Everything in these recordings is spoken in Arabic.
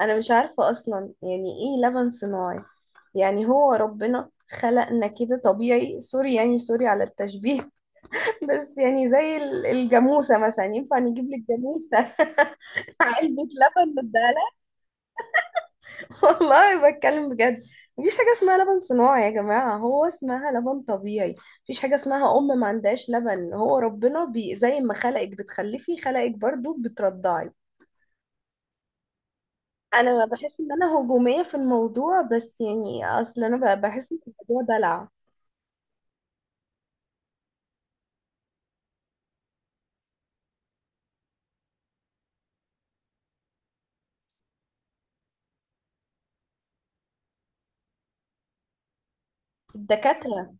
انا مش عارفة اصلا يعني ايه لبن صناعي. يعني هو ربنا خلقنا كده طبيعي، سوري يعني، سوري على التشبيه. بس يعني زي الجاموسة مثلا، ينفع نجيب لك جاموسة؟ علبة لبن نديها لها؟ والله بتكلم بجد. مفيش حاجة اسمها لبن صناعي يا جماعة، هو اسمها لبن طبيعي. مفيش حاجة اسمها أم ما عندهاش لبن، هو ربنا بي زي ما خلقك بتخلفي خلقك برضو بترضعي. انا بحس ان انا هجومية في الموضوع بس يعني اصل انا بحس ان الموضوع دلع. الدكاترة.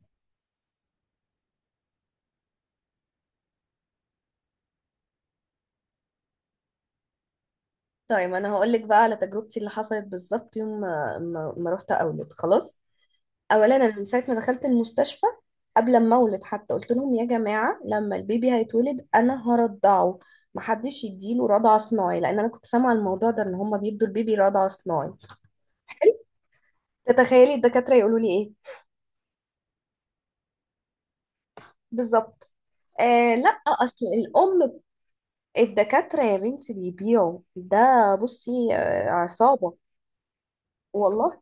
طيب انا هقول لك بقى على تجربتي اللي حصلت بالظبط. يوم ما رحت اولد خلاص. اولا، انا من ساعة ما دخلت المستشفى، قبل ما اولد حتى، قلت لهم يا جماعة لما البيبي هيتولد انا هرضعه. محدش يديله رضع صناعي، لان انا كنت سامعة الموضوع ده ان هما بيدوا البيبي رضع صناعي. حلو. تتخيلي الدكاترة يقولوا لي ايه؟ بالظبط. آه، لا اصل الام. الدكاترة يا بنتي بيبيعوا ده. بصي عصابة. والله.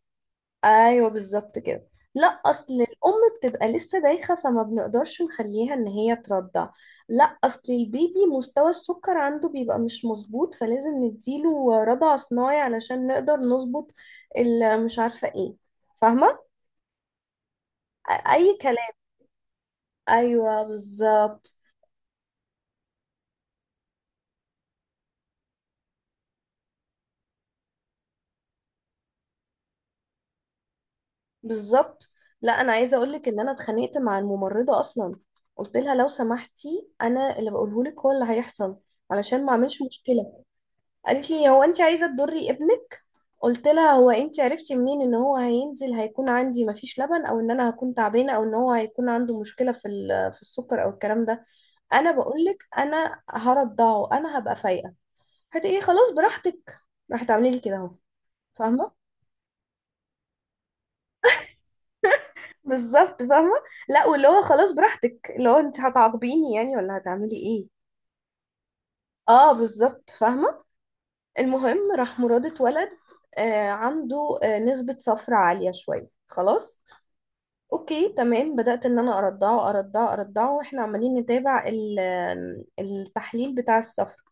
ايوه بالظبط كده. لا اصل الام بتبقى لسه دايخة فما بنقدرش نخليها ان هي ترضع. لا اصل البيبي مستوى السكر عنده بيبقى مش مظبوط، فلازم نديله رضع صناعي علشان نقدر نظبط مش عارفة ايه. فاهمة؟ اي كلام. ايوه بالظبط. بالظبط. لا انا عايزه اقول لك ان انا اتخانقت مع الممرضه اصلا. قلت لها لو سمحتي، انا اللي بقوله لك هو اللي هيحصل، علشان ما اعملش مشكله. قالت لي هو انت عايزه تضري ابنك؟ قلت لها هو انت عرفتي منين ان هو هينزل هيكون عندي مفيش لبن، او ان انا هكون تعبانه، او ان هو هيكون عنده مشكله في السكر، او الكلام ده. انا بقول لك انا هرضعه، انا هبقى فايقه. هتقولي خلاص براحتك، راح تعملي لي كده اهو. فاهمه؟ بالظبط فاهمة. لا واللي هو خلاص براحتك، اللي هو انت هتعاقبيني يعني ولا هتعملي ايه؟ اه بالظبط فاهمة. المهم، راح مراد اتولد. آه عنده نسبة صفر عالية شوية خلاص. اوكي تمام، بدأت ان انا ارضعه ارضعه ارضعه، واحنا عمالين نتابع التحليل بتاع الصفر.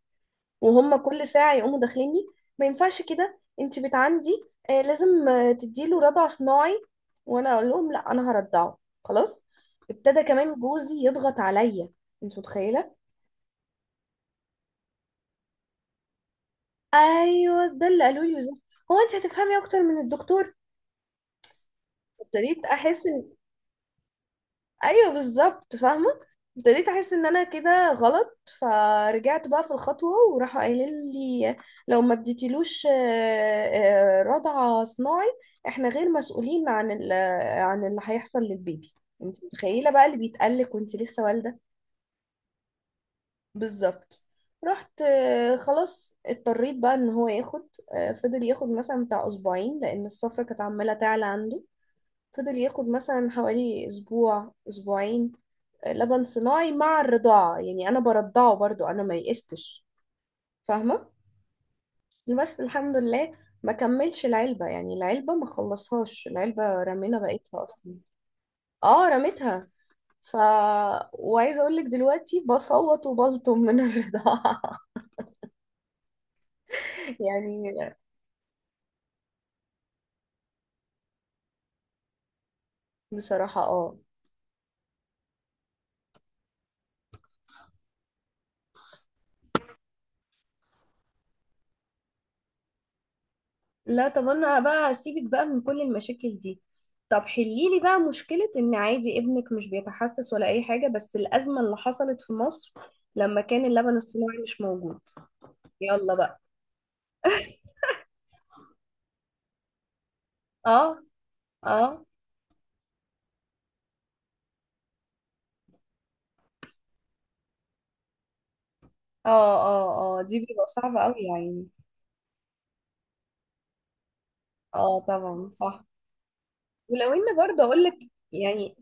وهم كل ساعة يقوموا داخليني، ما ينفعش كده انت بنت عندي، لازم تديله رضع صناعي. وانا اقول لهم لا انا هرضعه خلاص. ابتدى كمان جوزي يضغط عليا، انت متخيلة؟ ايوه ده اللي قالوا لي بالظبط، هو انت هتفهمي اكتر من الدكتور؟ ابتديت احس. ايوه بالظبط فاهمه. ابتديت احس ان انا كده غلط، فرجعت بقى في الخطوه. وراحوا قايلين لي لو ما اديتيلوش رضعه صناعي، احنا غير مسؤولين عن ال- آه، عن اللي هيحصل للبيبي. انت متخيله بقى اللي بيتقلق وانت لسه والده؟ بالظبط. رحت خلاص اضطريت بقى ان هو ياخد. فضل ياخد مثلا بتاع اسبوعين، لان الصفرة كانت عماله تعلى عنده. فضل ياخد مثلا حوالي اسبوع اسبوعين لبن صناعي مع الرضاعة. يعني أنا برضعه برضو، أنا ما يئستش. فاهمة؟ بس الحمد لله ما كملش العلبة، يعني العلبة ما خلصهاش، العلبة رمينا بقيتها أصلا. اه رميتها. ف. وعايزة أقولك دلوقتي بصوت وبلطم من الرضاعة. يعني. بصراحة اه. لا طب انا بقى هسيبك بقى من كل المشاكل دي. طب حليلي بقى مشكلة ان عادي ابنك مش بيتحسس ولا اي حاجة، بس الازمة اللي حصلت في مصر لما كان اللبن الصناعي مش موجود. يلا بقى. اه اه اه اه. اه دي بيبقى صعبة قوي يا عيني. اه طبعا صح. ولو ان برضه اقول لك يعني،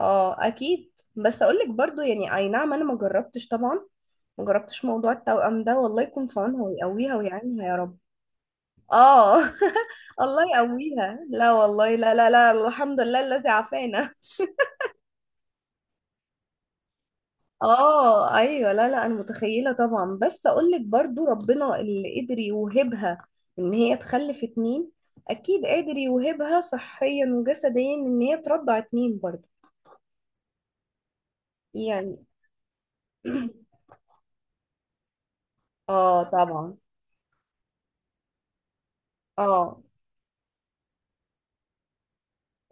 اه اكيد، بس اقول لك برضه يعني، اي نعم انا ما جربتش طبعا، ما جربتش موضوع التوأم ده، والله يكون في عونها ويقويها ويعينها يا رب. اه. الله يقويها. لا والله، لا لا لا، الحمد لله الذي عافانا. اه ايوه، لا لا انا متخيله طبعا، بس اقول لك برضو ربنا اللي قدر يوهبها ان هي تخلف اتنين، اكيد قادر يوهبها صحيا وجسديا ان هي ترضع اتنين برضو. يعني. اه طبعا. اه.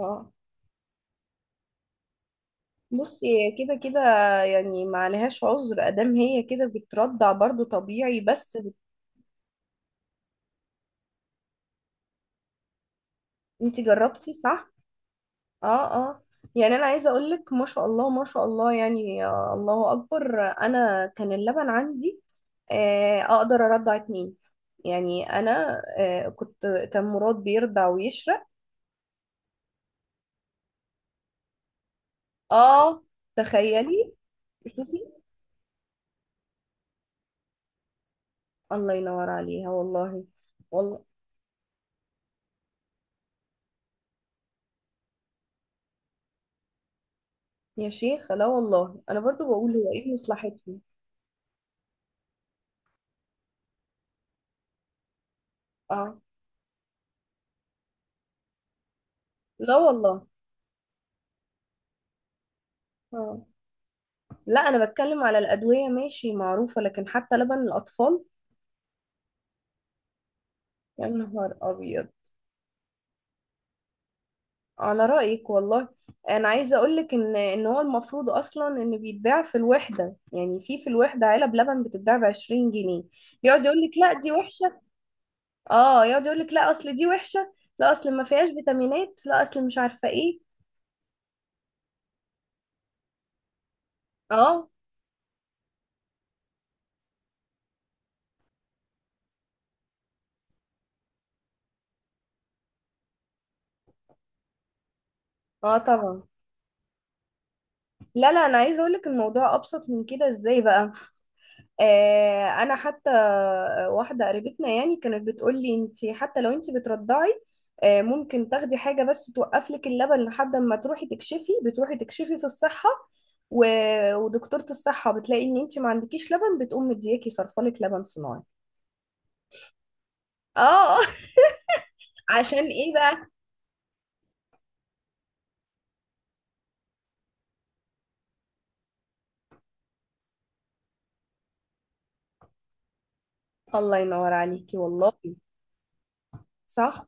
اه بصي، كده كده يعني ما عليهاش عذر ادام هي كده بترضع برضو طبيعي، بس انتي جربتي صح. اه اه. يعني انا عايزه اقول لك، ما شاء الله ما شاء الله يعني، الله اكبر، انا كان اللبن عندي اقدر ارضع اتنين. يعني انا كنت، كان مراد بيرضع ويشرق. اه تخيلي. شوفي، الله ينور عليها والله. والله. يا شيخ لا والله، انا برضو بقول هو ايه مصلحتي؟ اه. لا والله. اه لا، انا بتكلم على الادويه ماشي معروفه، لكن حتى لبن الاطفال؟ يا نهار ابيض. على رأيك والله. انا عايزه اقولك ان هو المفروض اصلا ان بيتباع في الوحده، يعني في الوحده علب لبن بتتباع ب 20 جنيه. يقعد يقولك لا دي وحشه. اه يقعد يقولك لا اصل دي وحشه، لا اصل ما فيهاش فيتامينات، لا اصل مش عارفه ايه. اه. اه طبعا. لا لا انا عايزه اقولك الموضوع ابسط من كده، ازاي بقى؟ انا حتى، واحده قريبتنا يعني كانت بتقول لي انت حتى لو انت بترضعي ممكن تاخدي حاجه بس توقف لك اللبن لحد ما تروحي تكشفي، بتروحي تكشفي في الصحه، ودكتوره الصحه بتلاقي ان انت ما عندكيش لبن، بتقوم مدياكي صرفالك لبن صناعي. اه. عشان ايه بقى؟ الله ينور عليكي والله. صح.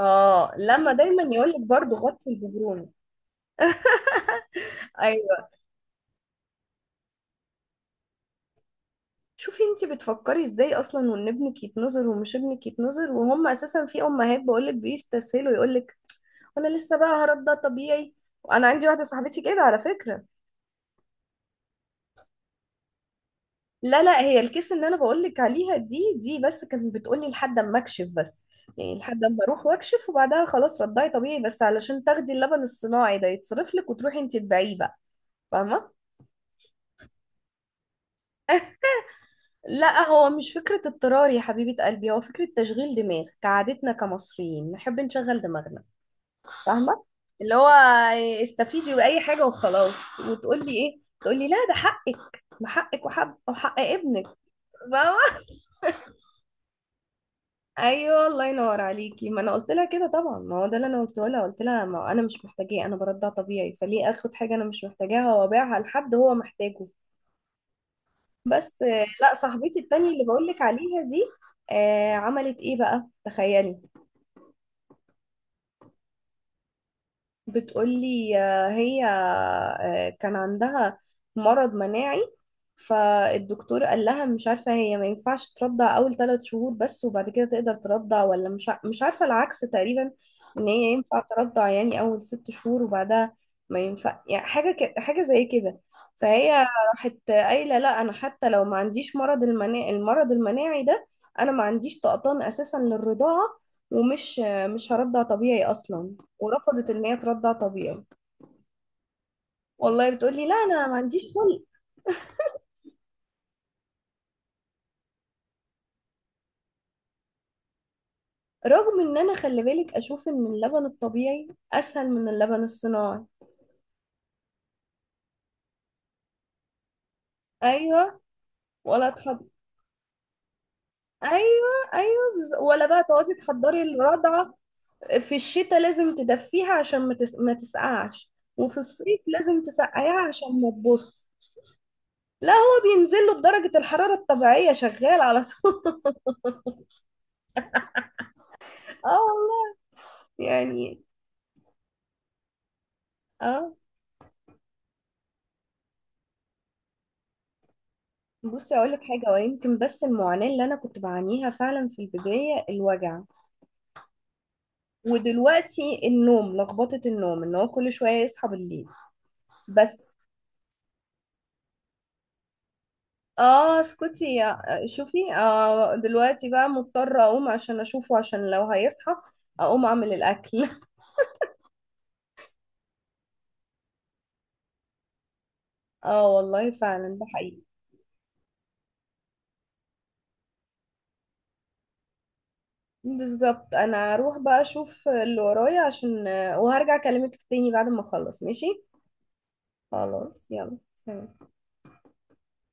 اه لما دايما يقول لك برضه غطي البيبرون. ايوه. شوفي انتي بتفكري ازاي اصلا، وان ابنك يتنظر ومش ابنك يتنظر، وهم اساسا في امهات بقولك بيستسهلوا، يقولك وانا لسه بقى هرد ده طبيعي. وانا عندي واحده صاحبتي كده على فكره. لا لا، هي الكيس اللي انا بقولك عليها دي بس كانت بتقولي لحد اما اكشف بس، يعني لحد اما اروح واكشف وبعدها خلاص رضعي طبيعي، بس علشان تاخدي اللبن الصناعي ده يتصرف لك وتروحي انتي تبيعيه بقى. فاهمه؟ لا هو مش فكره اضطرار يا حبيبه قلبي، هو فكره تشغيل دماغ كعادتنا كمصريين نحب نشغل دماغنا. فاهمه؟ اللي هو استفيدي بأي حاجة وخلاص، وتقولي ايه؟ تقولي لا ده حقك، ما حقك وحق ابنك. فاهمة؟ ايوه الله ينور عليكي، ما انا قلت لها كده طبعا، ما هو ده اللي انا قلته لها، قلت لها ما هو انا مش محتاجاه، انا برضع طبيعي، فليه اخد حاجة انا مش محتاجاها وابيعها لحد هو محتاجه؟ بس لا صاحبتي التانية اللي بقولك عليها دي عملت ايه بقى، تخيلي. بتقولي هي كان عندها مرض مناعي، فالدكتور قال لها مش عارفة هي ما ينفعش ترضع أول ثلاث شهور بس وبعد كده تقدر ترضع، ولا مش مش عارفة، العكس تقريبا. إن هي ينفع ترضع يعني أول ست شهور، وبعدها ما ينفع، يعني حاجة حاجة زي كده. فهي راحت قايلة لا أنا حتى لو ما عنديش المرض المناعي ده، أنا ما عنديش طقطان أساسا للرضاعة، ومش مش هرضع طبيعي أصلا. ورفضت ان هي ترضع طبيعي. والله بتقولي لا انا ما عنديش خلق، رغم ان انا خلي بالك اشوف ان اللبن الطبيعي اسهل من اللبن الصناعي. ايوه ولا ايوه ايوه. ولا بقى تقعدي تحضري الرضعه في الشتاء، لازم تدفيها عشان ما تسقعش، وفي الصيف لازم تسقعيها عشان ما لا هو بينزل له بدرجه الحراره الطبيعيه شغال على طول. اه والله. يعني. اه. بصي اقول لك حاجه، ويمكن بس المعاناه اللي انا كنت بعانيها فعلا في البدايه الوجع، ودلوقتي النوم، لخبطه النوم ان هو كل شويه يصحى بالليل. بس. اه اسكتي يا. شوفي دلوقتي بقى مضطره اقوم عشان اشوفه، عشان لو هيصحى اقوم اعمل الاكل. اه والله فعلا ده حقيقي. بالظبط، انا هروح بقى اشوف اللي ورايا عشان، وهرجع اكلمك تاني بعد ما اخلص، ماشي؟ خلاص يلا، سلام.